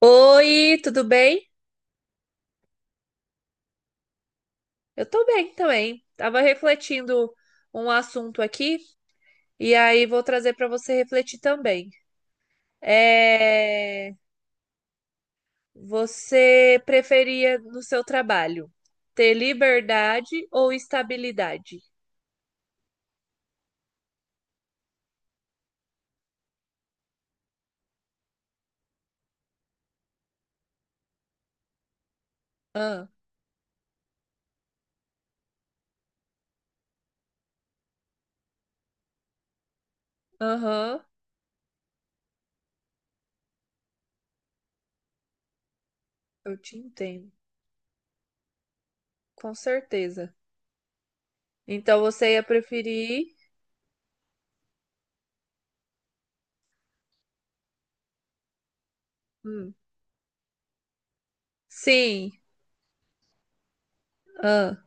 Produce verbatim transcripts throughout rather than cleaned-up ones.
Oi, tudo bem? Eu tô bem também. Tava refletindo um assunto aqui e aí vou trazer para você refletir também. É... Você preferia no seu trabalho ter liberdade ou estabilidade? Ah, aham, eu te entendo, com certeza. Então você ia preferir? Hum, Sim, ah,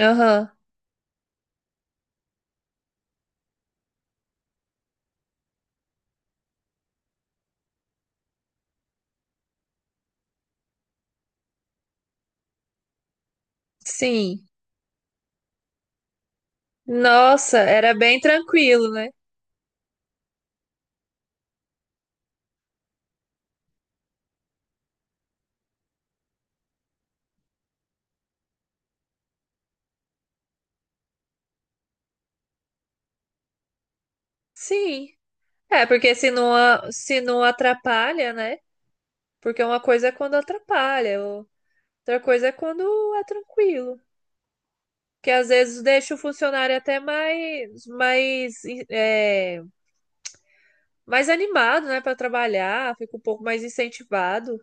aham, sim. Nossa, era bem tranquilo, né? Sim. É, porque se não, a- se não atrapalha, né? Porque uma coisa é quando atrapalha, o- outra coisa é quando é tranquilo. Que às vezes deixa o funcionário até mais, mais, é, mais animado, né, para trabalhar, fica um pouco mais incentivado.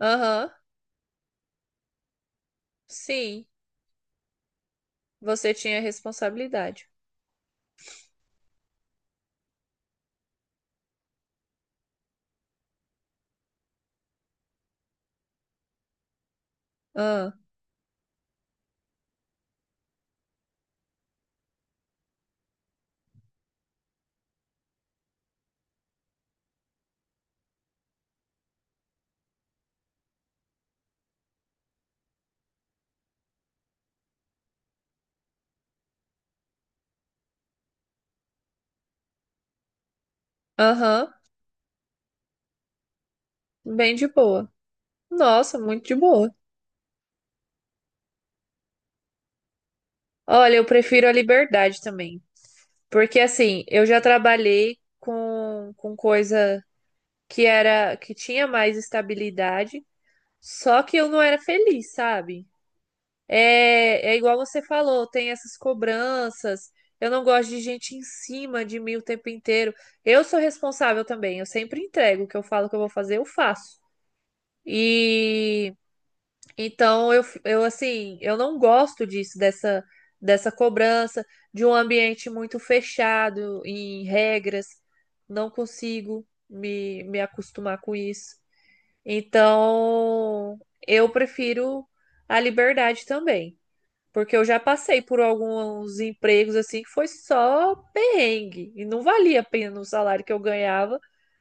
Aham, sim, você tinha responsabilidade. Ah, aham, bem de boa. Nossa, muito de boa. Olha, eu prefiro a liberdade também. Porque assim, eu já trabalhei com, com coisa que era que tinha mais estabilidade, só que eu não era feliz, sabe? É, é igual você falou, tem essas cobranças. Eu não gosto de gente em cima de mim o tempo inteiro. Eu sou responsável também, eu sempre entrego o que eu falo que eu vou fazer, eu faço. E então, eu, eu assim, eu não gosto disso, dessa, dessa cobrança, de um ambiente muito fechado em regras. Não consigo me, me acostumar com isso. Então, eu prefiro a liberdade também. Porque eu já passei por alguns empregos assim que foi só perrengue. E não valia a pena o salário que eu ganhava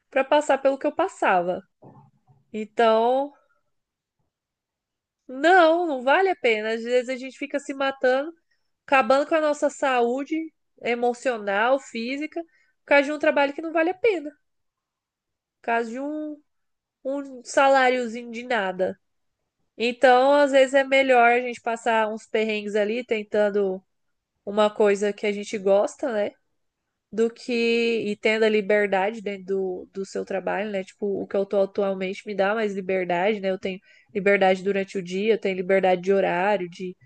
para passar pelo que eu passava. Então, não, não vale a pena. Às vezes a gente fica se matando acabando com a nossa saúde emocional, física, por causa de um trabalho que não vale a pena, por causa de um, um saláriozinho de nada. Então, às vezes é melhor a gente passar uns perrengues ali tentando uma coisa que a gente gosta, né? Do que e tendo a liberdade dentro do, do seu trabalho, né? Tipo, o que eu tô atualmente me dá mais liberdade, né? Eu tenho liberdade durante o dia, eu tenho liberdade de horário, de,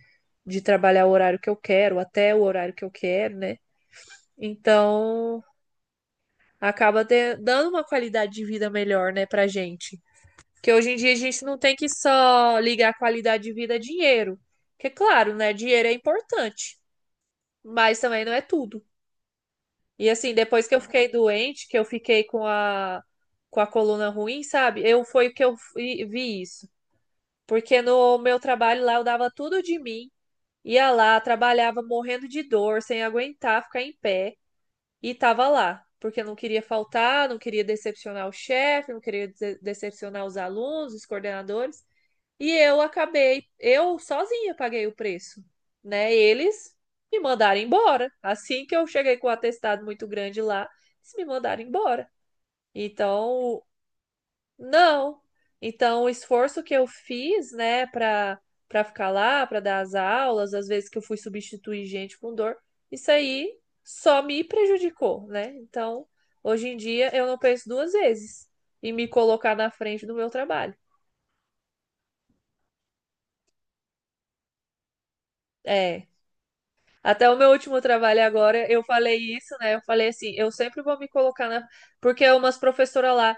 de trabalhar o horário que eu quero, até o horário que eu quero, né? Então, acaba de- dando uma qualidade de vida melhor, né, pra gente. Porque hoje em dia a gente não tem que só ligar a qualidade de vida a dinheiro. Porque, claro, né, dinheiro é importante, mas também não é tudo. E assim, depois que eu fiquei doente, que eu fiquei com a, com a coluna ruim, sabe? Eu foi que eu fui- vi isso. Porque no meu trabalho lá eu dava tudo de mim, ia lá, trabalhava morrendo de dor, sem aguentar ficar em pé. E tava lá, porque eu não queria faltar, não queria decepcionar o chefe, não queria de- decepcionar os alunos, os coordenadores. E eu acabei, eu sozinha paguei o preço, né? Eles me mandaram embora. Assim que eu cheguei com o atestado muito grande lá, eles me mandaram embora. Então, não. Então, o esforço que eu fiz, né, para para ficar lá, para dar as aulas, às vezes que eu fui substituir gente com dor, isso aí só me prejudicou, né? Então, hoje em dia eu não penso duas vezes em me colocar na frente do meu trabalho. É. Até o meu último trabalho agora, eu falei isso, né? Eu falei assim, eu sempre vou me colocar na porque umas professora lá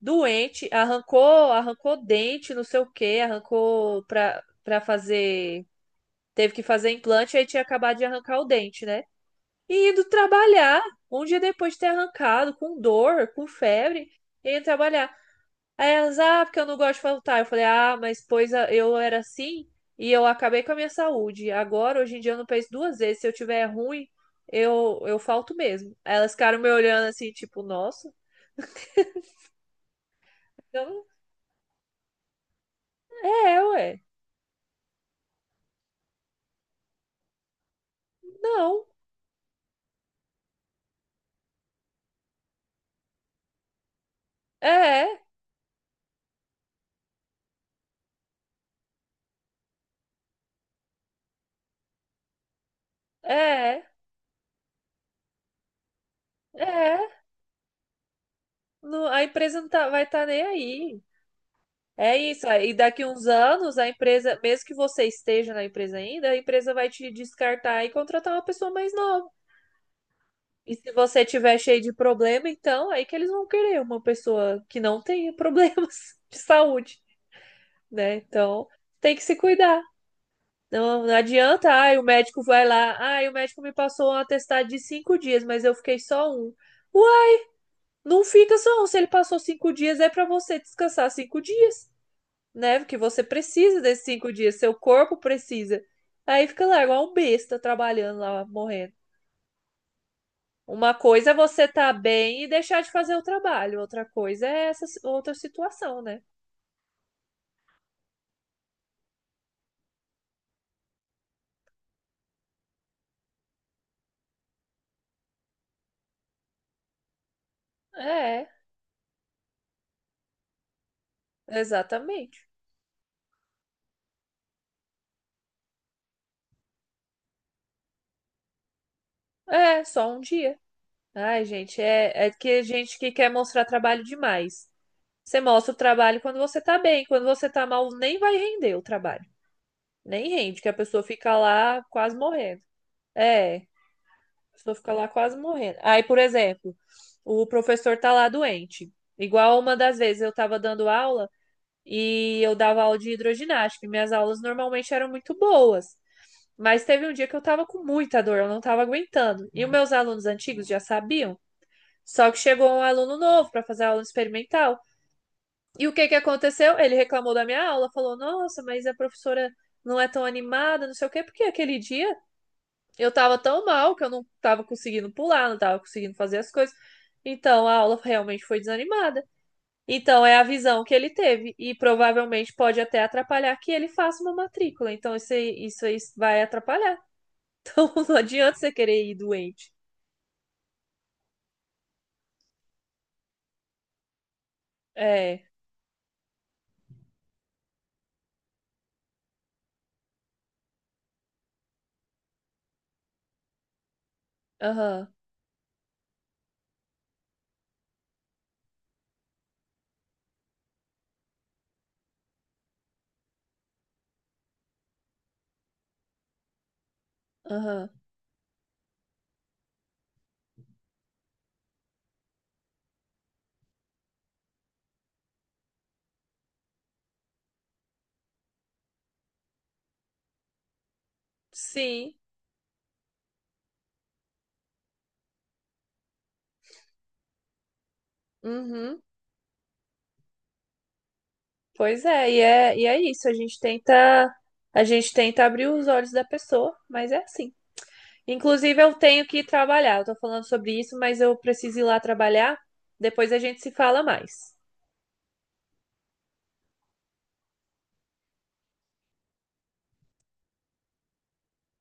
doente, arrancou, arrancou dente, não sei o quê, arrancou para para fazer. Teve que fazer implante, aí tinha acabado de arrancar o dente, né? E indo trabalhar, um dia depois de ter arrancado, com dor, com febre, e indo trabalhar. Aí elas, ah, porque eu não gosto de faltar. Eu falei, ah, mas pois a- eu era assim e eu acabei com a minha saúde. Agora, hoje em dia, eu não penso duas vezes. Se eu tiver ruim, eu, eu falto mesmo. Aí elas ficaram me olhando assim, tipo, nossa, eu não- é, ué. Não, é, é, é. Não, a empresa não tá, vai estar nem aí. É isso, aí daqui uns anos a empresa, mesmo que você esteja na empresa ainda, a empresa vai te descartar e contratar uma pessoa mais nova. E se você tiver cheio de problema, então aí que eles vão querer uma pessoa que não tenha problemas de saúde, né? Então tem que se cuidar. Não, não adianta, ai, o médico vai lá, ai, o médico me passou um atestado de cinco dias, mas eu fiquei só um. Ué, não fica só um, se ele passou cinco dias, é pra você descansar cinco dias. Né? Porque você precisa desses cinco dias, seu corpo precisa. Aí fica lá, igual um besta, trabalhando lá, morrendo. Uma coisa é você tá bem e deixar de fazer o trabalho, outra coisa é essa si- outra situação, né? É, exatamente. É, só um dia. Ai, gente, é, é, que gente que quer mostrar trabalho demais. Você mostra o trabalho quando você tá bem, quando você tá mal, nem vai render o trabalho. Nem rende, que a pessoa fica lá quase morrendo. É. Pessoa fica lá quase morrendo. Aí, por exemplo, o professor tá lá doente. Igual uma das vezes eu tava dando aula e eu dava aula de hidroginástica. E minhas aulas normalmente eram muito boas. Mas teve um dia que eu tava com muita dor, eu não tava aguentando. E os meus alunos antigos já sabiam. Só que chegou um aluno novo para fazer a aula experimental. E o que que aconteceu? Ele reclamou da minha aula, falou: "Nossa, mas a professora não é tão animada, não sei o quê, porque aquele dia eu tava tão mal que eu não tava conseguindo pular, não tava conseguindo fazer as coisas. Então a aula realmente foi desanimada. Então é a visão que ele teve e provavelmente pode até atrapalhar que ele faça uma matrícula. Então isso aí, isso aí vai atrapalhar. Não adianta você querer ir doente. É, aham, aham. Sim, uhum. Pois é, e é, e é isso. A gente tenta, a gente tenta abrir os olhos da pessoa, mas é assim. Inclusive, eu tenho que ir trabalhar. Eu tô falando sobre isso, mas eu preciso ir lá trabalhar. Depois a gente se fala mais.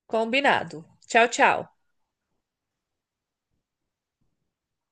Combinado. Tchau, tchau.